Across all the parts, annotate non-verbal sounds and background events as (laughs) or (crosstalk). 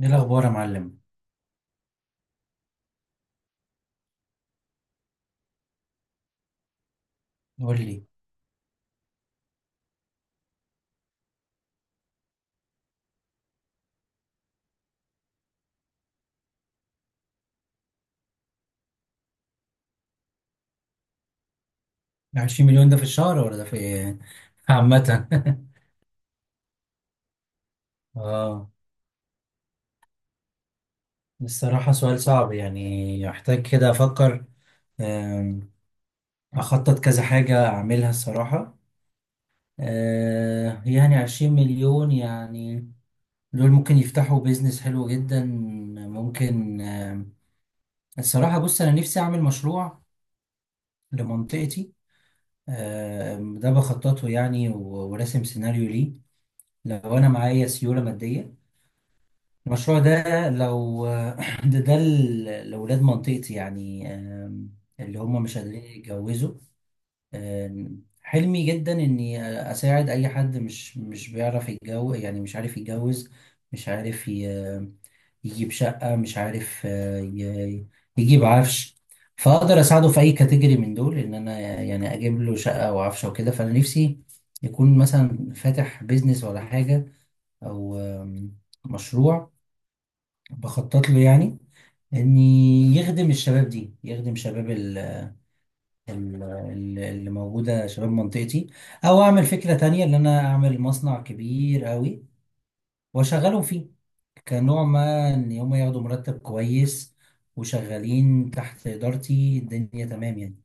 ايه الاخبار يا معلم. قول لي، 20 مليون ده في الشهر ولا ده في (laughs) عامة (laughs) اه، الصراحة سؤال صعب يعني، يحتاج كده افكر. آم، اخطط كذا حاجة اعملها الصراحة. يعني 20 مليون يعني دول ممكن يفتحوا بيزنس حلو جدا. ممكن الصراحة بص، انا نفسي اعمل مشروع لمنطقتي. ده بخططه يعني وراسم سيناريو ليه لو انا معايا سيولة مادية. المشروع ده لو (clears throat) ده ده لأولاد منطقتي يعني، اللي هم مش قادرين يتجوزوا. حلمي جدا إني أساعد أي حد مش بيعرف يتجوز، يعني مش عارف يتجوز، مش عارف يجيب شقة، مش عارف يجيب عفش. فأقدر أساعده في أي كاتيجوري من دول، إن أنا يعني أجيب له شقة وعفش وكده. فأنا نفسي يكون مثلا فاتح بيزنس ولا حاجة، أو مشروع بخطط له يعني ان يخدم الشباب دي، يخدم شباب اللي موجودة، شباب منطقتي. او اعمل فكرة تانية، ان انا اعمل مصنع كبير قوي واشغلهم فيه، كنوع ما ان هم ياخدوا مرتب كويس وشغالين تحت ادارتي، الدنيا تمام يعني.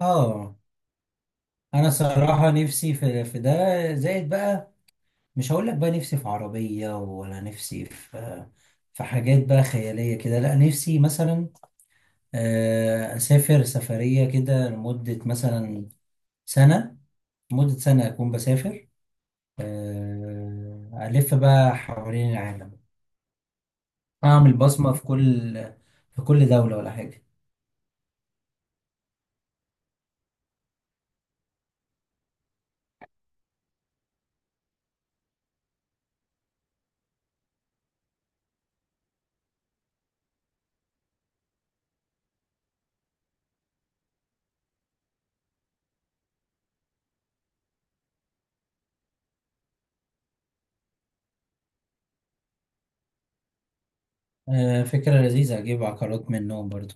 اه، انا صراحة نفسي في ده زائد بقى. مش هقول لك بقى نفسي في عربية ولا نفسي في، في حاجات بقى خيالية كده، لا نفسي مثلا أسافر سفرية كده لمدة مثلا سنة، لمدة سنة أكون بسافر، ألف بقى حوالين العالم، أعمل بصمة في كل دولة ولا حاجة. فكرة لذيذة، أجيب عقارات منهم برضو.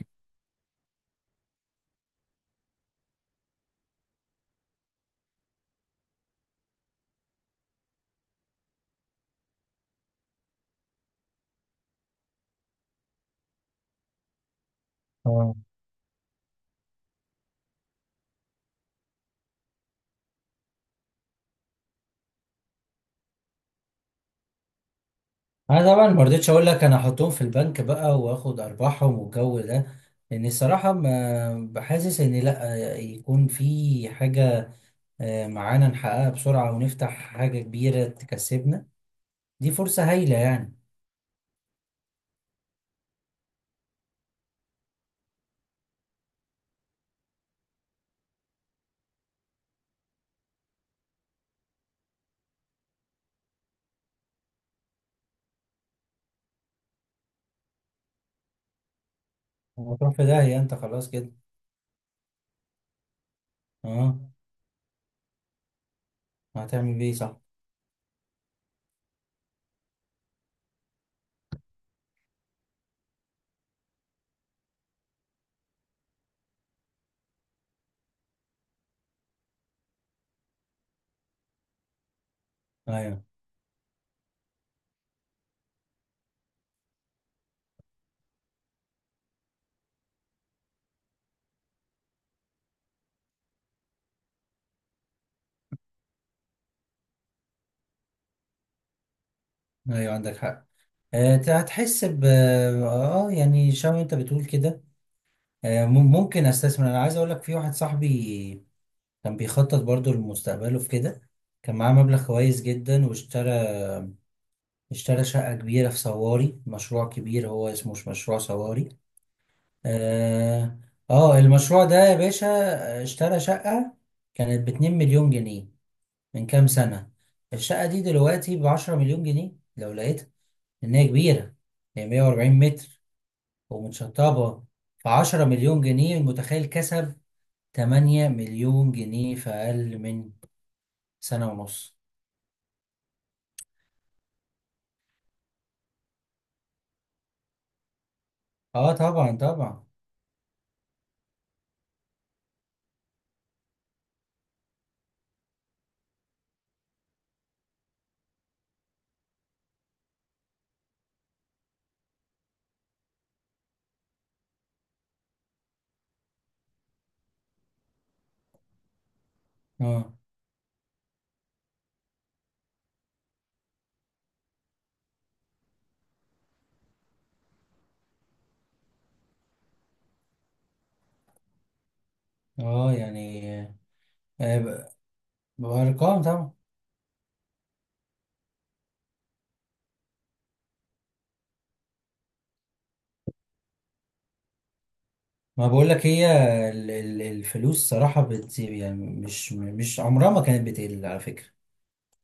اه، أنا طبعا ما رضيتش أقول لك أنا أحطهم في البنك بقى وآخد أرباحهم والجو ده، لأن الصراحة ما بحاسس إن، لأ يكون في حاجة معانا نحققها بسرعة ونفتح حاجة كبيرة تكسبنا، دي فرصة هايلة يعني. هتروح في داهية انت خلاص كده. اه، هتعمل ايه؟ صح. ايوه، ايوه، عندك حق. هتحس ب يعني شبه انت بتقول كده. ممكن استثمر. انا عايز اقول لك، في واحد صاحبي كان بيخطط برضو لمستقبله في كده، كان معاه مبلغ كويس جدا واشترى شقة كبيرة في صواري، مشروع كبير هو، اسمه مش مشروع صواري. اه. المشروع ده يا باشا، اشترى شقة كانت 2 مليون جنيه من كام سنة. الشقة دي دلوقتي بـ10 مليون جنيه لو لقيتها، لأن هي كبيرة، هي 140 متر ومتشطبة. فـ10 مليون جنيه، المتخيل كسب 8 مليون جنيه في أقل من سنة ونص. اه، طبعا طبعا. اه، اه، يعني آه، ب- بأرقام طبعا. ما بقولك، هي الفلوس صراحة بت يعني مش عمرها ما كانت بتقل على فكرة،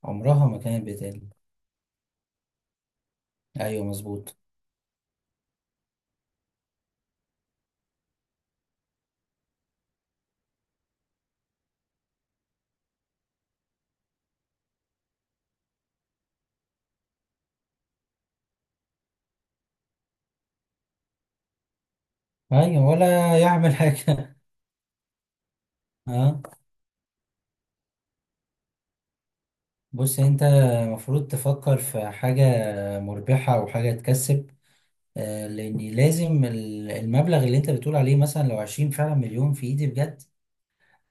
عمرها ما كانت بتقل. أيوه مظبوط. ايوه، ولا يعمل حاجه. اه، بص، انت المفروض تفكر في حاجة مربحة وحاجة تكسب. لان لازم المبلغ اللي انت بتقول عليه، مثلا لو عشرين فعلا مليون في ايدي بجد،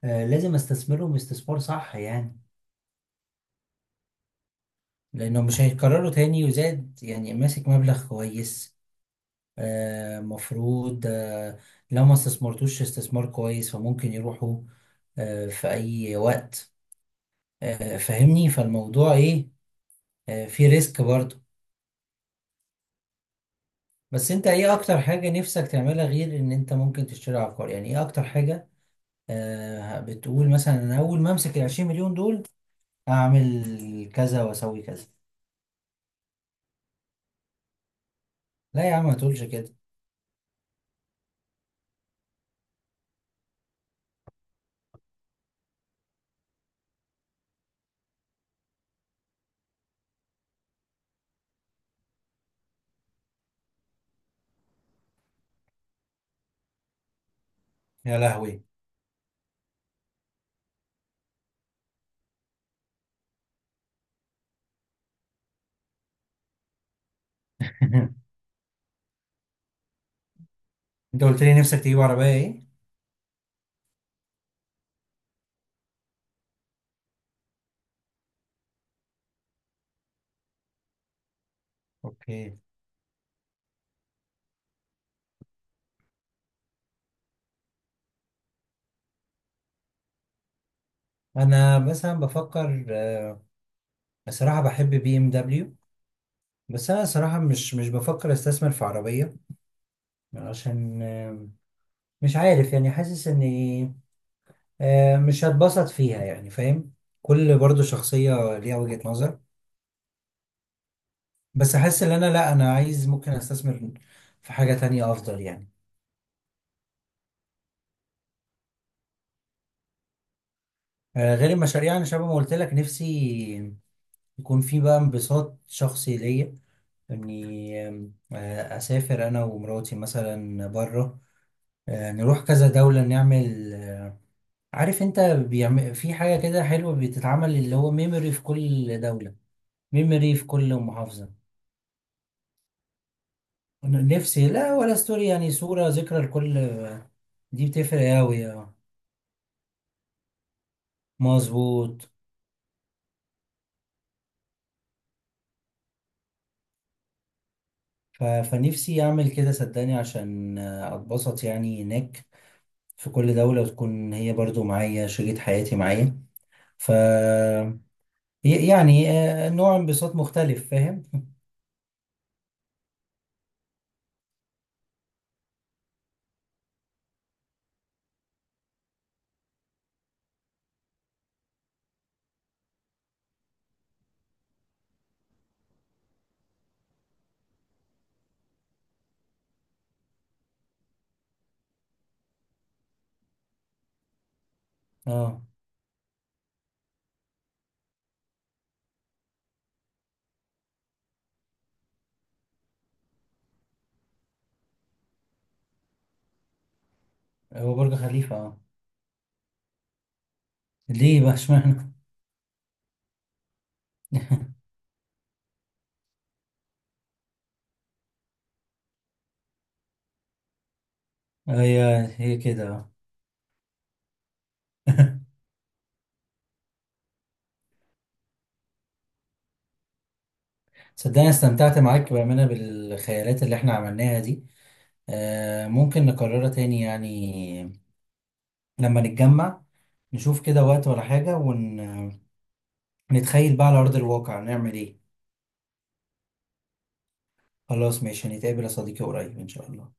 لازم استثمرهم استثمار صح يعني، لانه مش هيتكرروا تاني. وزاد يعني ماسك مبلغ كويس، مفروض، لو ما استثمرتوش استثمار كويس فممكن يروحوا في اي وقت. فاهمني، فالموضوع ايه؟ في ريسك برضه. بس انت ايه اكتر حاجة نفسك تعملها، غير ان انت ممكن تشتري عقار؟ يعني ايه اكتر حاجة؟ آه، بتقول مثلا انا اول ما امسك ال 20 مليون دول، اعمل كذا واسوي كذا. لا يا عم، ما تقولش كده. يا لهوي (laughs) انت قلت لي نفسك تجيب عربية ايه؟ اوكي. انا مثلا بفكر، صراحة بحب بي ام دبليو. بس انا صراحة مش بفكر استثمر في عربية، عشان مش عارف يعني، حاسس ان مش هتبسط فيها يعني، فاهم؟ كل برضو شخصية ليها وجهة نظر. بس احس ان انا، لا، انا عايز ممكن استثمر في حاجة تانية افضل يعني. غير المشاريع، انا شبه ما قلت لك، نفسي يكون في بقى انبساط شخصي ليا، اني آم، آه، اسافر انا ومراتي مثلا بره، نروح كذا دولة نعمل، عارف انت بيعمل في حاجة كده حلوة بتتعمل، اللي هو ميموري في كل دولة، ميموري في كل محافظة. نفسي، لا، ولا ستوري، يعني صورة ذكرى لكل. دي بتفرق أوي، اه، مظبوط. فنفسي أعمل كده صدقني، عشان أتبسط يعني هناك في كل دولة، وتكون هي برضو معايا، شريك حياتي معايا، ف يعني نوع انبساط مختلف، فاهم؟ اه. هو برج خليفة، اه. ليه بقى (laughs) اشمعنى؟ هي هي كده، اه. (laughs) صدقني استمتعت معاك بأمانة بالخيالات اللي احنا عملناها دي، ممكن نكررها تاني يعني لما نتجمع، نشوف كده وقت ولا حاجة ونتخيل بقى على أرض الواقع نعمل إيه. خلاص ماشي، هنتقابل يا صديقي قريب إن شاء الله.